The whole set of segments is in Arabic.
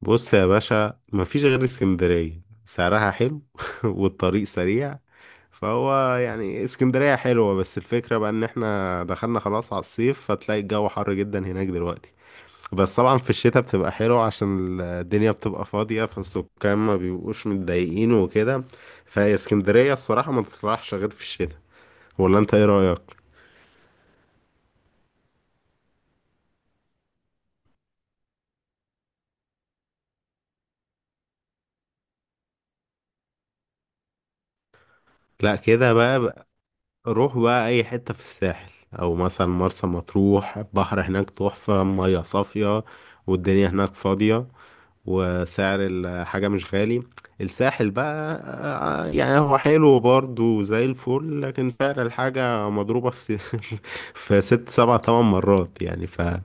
بص يا باشا، مفيش غير اسكندرية، سعرها حلو. والطريق سريع. فهو يعني اسكندرية حلوة، بس الفكرة بقى ان احنا دخلنا خلاص على الصيف، فتلاقي الجو حر جدا هناك دلوقتي. بس طبعا في الشتاء بتبقى حلوة، عشان الدنيا بتبقى فاضية، فالسكان ما بيبقوش متضايقين وكده. فاسكندرية الصراحة ما تطرحش غير في الشتاء. ولا انت ايه رأيك؟ لا، كده بقى. روح بقى اي حتة في الساحل، او مثلا مرسى مطروح. البحر هناك تحفة، مية صافية، والدنيا هناك فاضية، وسعر الحاجة مش غالي. الساحل بقى يعني هو حلو برضه زي الفل، لكن سعر الحاجة مضروبة في في 6 7 8 مرات يعني. فده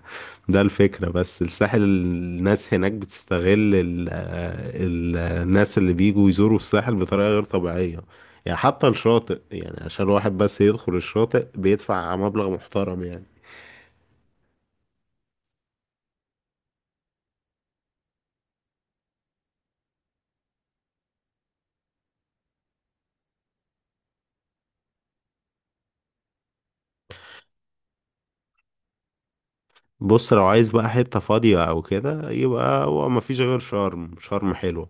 الفكرة، بس الساحل الناس هناك بتستغل ال الناس اللي بيجوا يزوروا الساحل بطريقة غير طبيعية. يعني حتى الشاطئ، يعني عشان الواحد بس يدخل الشاطئ بيدفع مبلغ محترم يعني. بص، لو عايز بقى حتة فاضية أو كده، يبقى هو مفيش غير شرم. شرم حلوة،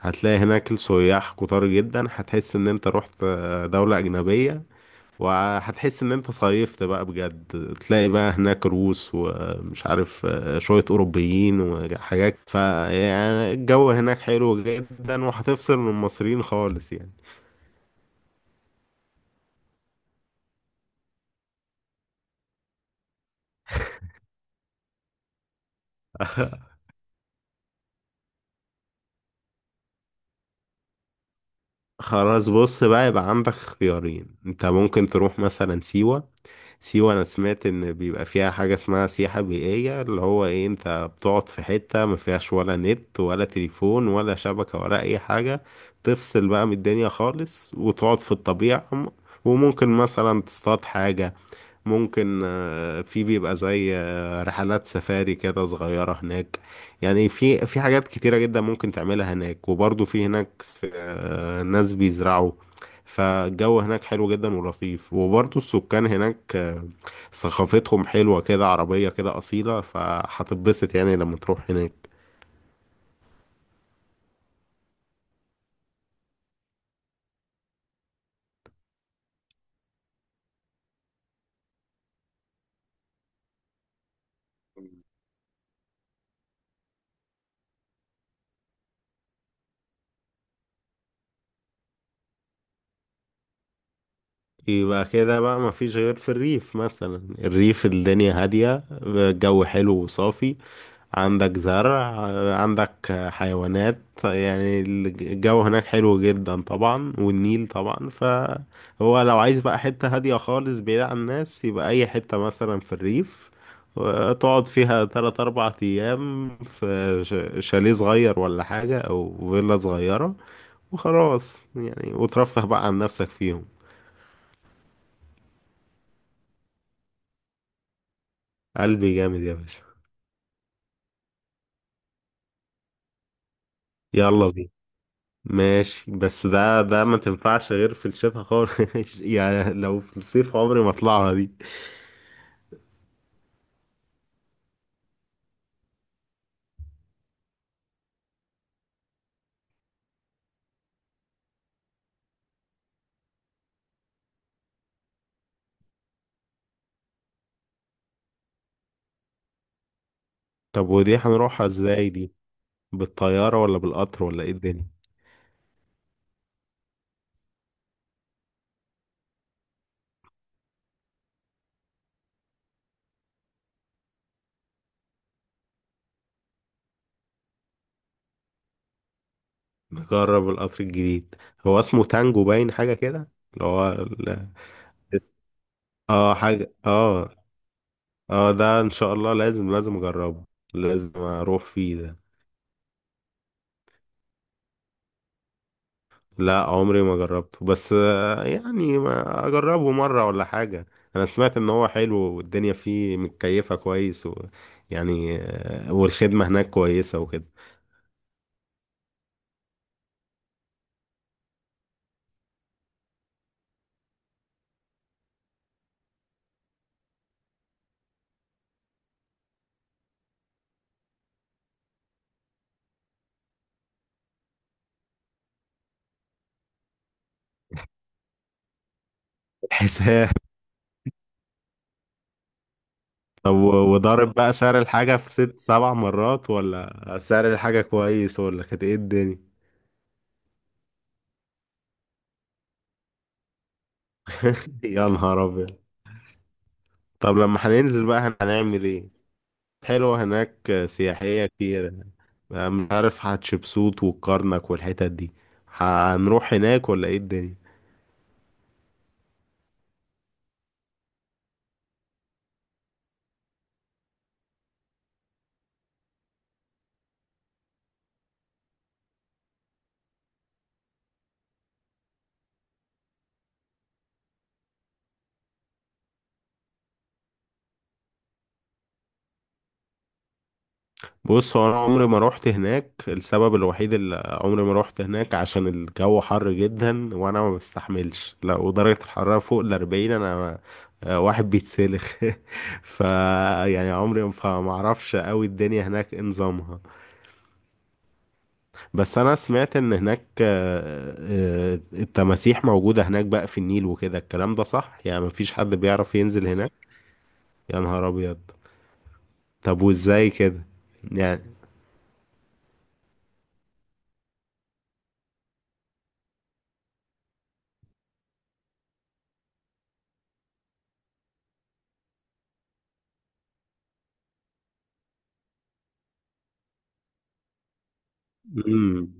هتلاقي هناك السياح كتار جدا، هتحس إن أنت رحت دولة أجنبية، وهتحس إن أنت صيفت بقى بجد. تلاقي بقى هناك روس ومش عارف شوية أوروبيين وحاجات. فيعني الجو هناك حلو جدا، وهتفصل من المصريين خالص يعني. خلاص، بص بقى، يبقى عندك اختيارين. أنت ممكن تروح مثلا سيوة. سيوة أنا سمعت إن بيبقى فيها حاجة اسمها سياحة بيئية، اللي هو إيه، أنت بتقعد في حتة ما فيهاش ولا نت ولا تليفون ولا شبكة ولا أي حاجة. تفصل بقى من الدنيا خالص، وتقعد في الطبيعة وممكن مثلا تصطاد حاجة. ممكن في بيبقى زي رحلات سفاري كده صغيرة هناك. يعني في حاجات كتيرة جدا ممكن تعملها هناك. وبرضه في هناك ناس بيزرعوا. فالجو هناك حلو جدا ولطيف، وبرضه السكان هناك ثقافتهم حلوة كده، عربية كده أصيلة، فهتتبسط يعني لما تروح هناك. يبقى كده بقى، مفيش غير في الريف مثلا. الريف الدنيا هادية، الجو حلو وصافي، عندك زرع، عندك حيوانات. يعني الجو هناك حلو جدا طبعا، والنيل طبعا. فهو لو عايز بقى حتة هادية خالص بعيد عن الناس، يبقى أي حتة مثلا في الريف، تقعد فيها 3 4 أيام في شاليه صغير ولا حاجة، أو فيلا صغيرة. وخلاص يعني، وترفه بقى عن نفسك فيهم. قلبي جامد يا باشا. يلا بينا. ماشي، بس ده ما تنفعش غير في الشتاء خالص. يعني لو في الصيف عمري ما اطلعها دي. طب ودي هنروحها ازاي دي؟ بالطيارة ولا بالقطر ولا ايه الدنيا؟ نجرب القطر الجديد. هو اسمه تانجو باين، حاجة كده اللي هو اه حاجة، اه. اه، ده ان شاء الله لازم لازم اجربه. لازم اروح فيه ده. لا، عمري ما جربته، بس يعني ما اجربه مرة ولا حاجة. انا سمعت ان هو حلو والدنيا فيه متكيفة كويس، و يعني والخدمة هناك كويسة وكده. الحساب؟ طب وضارب بقى سعر الحاجة في 6 7 مرات، ولا سعر الحاجة كويس، ولا كانت ايه الدنيا؟ يا نهار ابيض. طب لما هننزل بقى هنعمل ايه؟ حلوة هناك سياحية كتير. مش عارف هتشبسوت والكرنك والحتت دي، هنروح هناك ولا ايه الدنيا؟ بص، هو انا عمري ما روحت هناك. السبب الوحيد اللي عمري ما روحت هناك عشان الجو حر جدا وانا ما بستحملش، لا، ودرجة الحرارة فوق 40. انا واحد بيتسلخ. ف يعني عمري ما، فما اعرفش قوي الدنيا هناك إيه نظامها. بس انا سمعت ان هناك التماسيح موجودة هناك بقى في النيل وكده. الكلام ده صح؟ يعني مفيش حد بيعرف ينزل هناك؟ يا نهار ابيض. طب وازاي كده؟ يعني مم.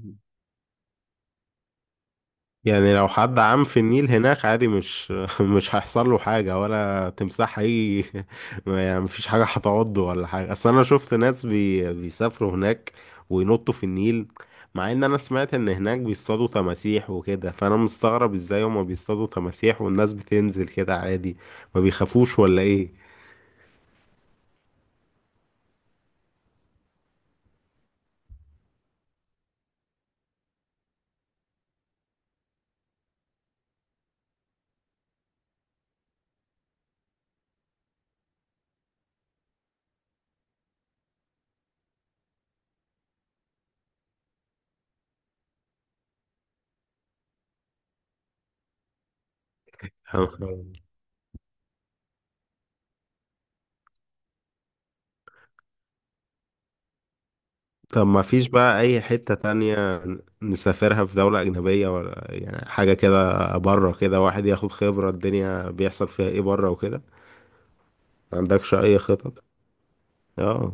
يعني لو حد عام في النيل هناك عادي، مش مش هيحصل له حاجة، ولا تمساح هي؟ يعني مفيش حاجة هتعضه ولا حاجة؟ أصل أنا شفت ناس بيسافروا هناك وينطوا في النيل، مع إن أنا سمعت إن هناك بيصطادوا تماسيح وكده. فأنا مستغرب إزاي هما بيصطادوا تماسيح والناس بتنزل كده عادي، ما بيخافوش ولا إيه؟ طب ما فيش بقى أي حتة تانية نسافرها في دولة أجنبية؟ ولا يعني حاجة كده بره كده، واحد ياخد خبرة الدنيا بيحصل فيها إيه بره وكده. ما عندكش أي خطط؟ اه،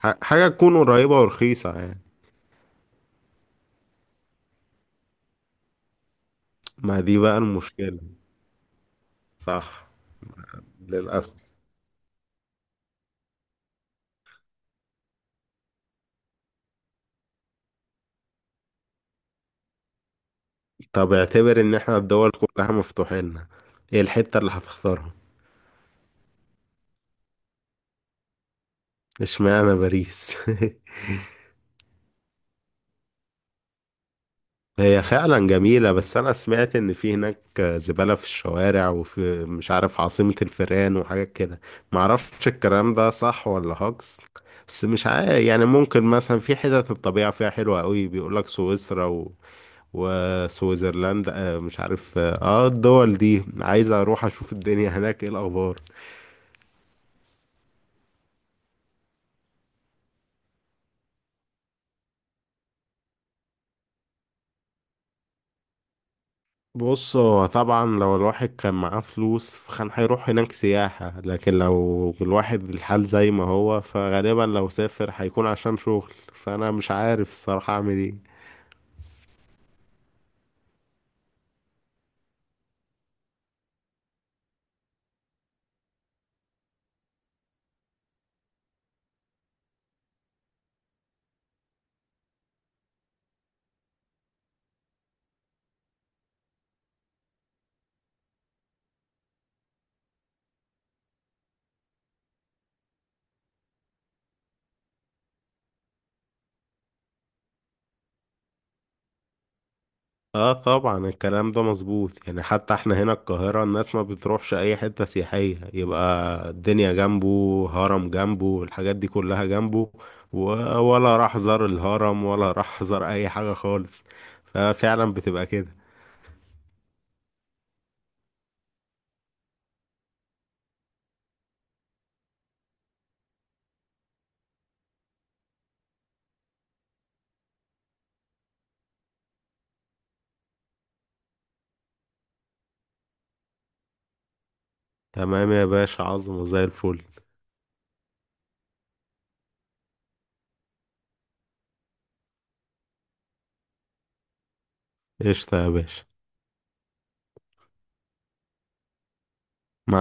حاجة تكون قريبة ورخيصة يعني. ما دي بقى المشكلة. صح، للأسف. طب اعتبر إن احنا الدول كلها مفتوحة لنا، إيه الحتة اللي هتختارها؟ اشمعنى باريس؟ هي فعلا جميلة، بس أنا سمعت إن في هناك زبالة في الشوارع، وفي مش عارف عاصمة الفئران وحاجات كده. معرفش الكلام ده صح ولا هاكس. بس مش عارف، يعني ممكن مثلا في حتت الطبيعة فيها حلوة قوي، بيقولك سويسرا وسويسرلاند، مش عارف، اه، الدول دي عايز أروح أشوف الدنيا هناك إيه الأخبار. بص، هو طبعا لو الواحد كان معاه فلوس فكان هيروح هناك سياحة، لكن لو الواحد الحال زي ما هو فغالبا لو سافر هيكون عشان شغل. فأنا مش عارف الصراحة أعمل إيه. اه طبعا الكلام ده مظبوط، يعني حتى احنا هنا القاهرة، الناس ما بتروحش أي حتة سياحية. يبقى الدنيا جنبه هرم، جنبه الحاجات دي كلها جنبه، ولا راح زار الهرم، ولا راح زار أي حاجة خالص. ففعلا بتبقى كده. تمام يا باشا، عظمة زي الفل. قشطة يا باشا. مع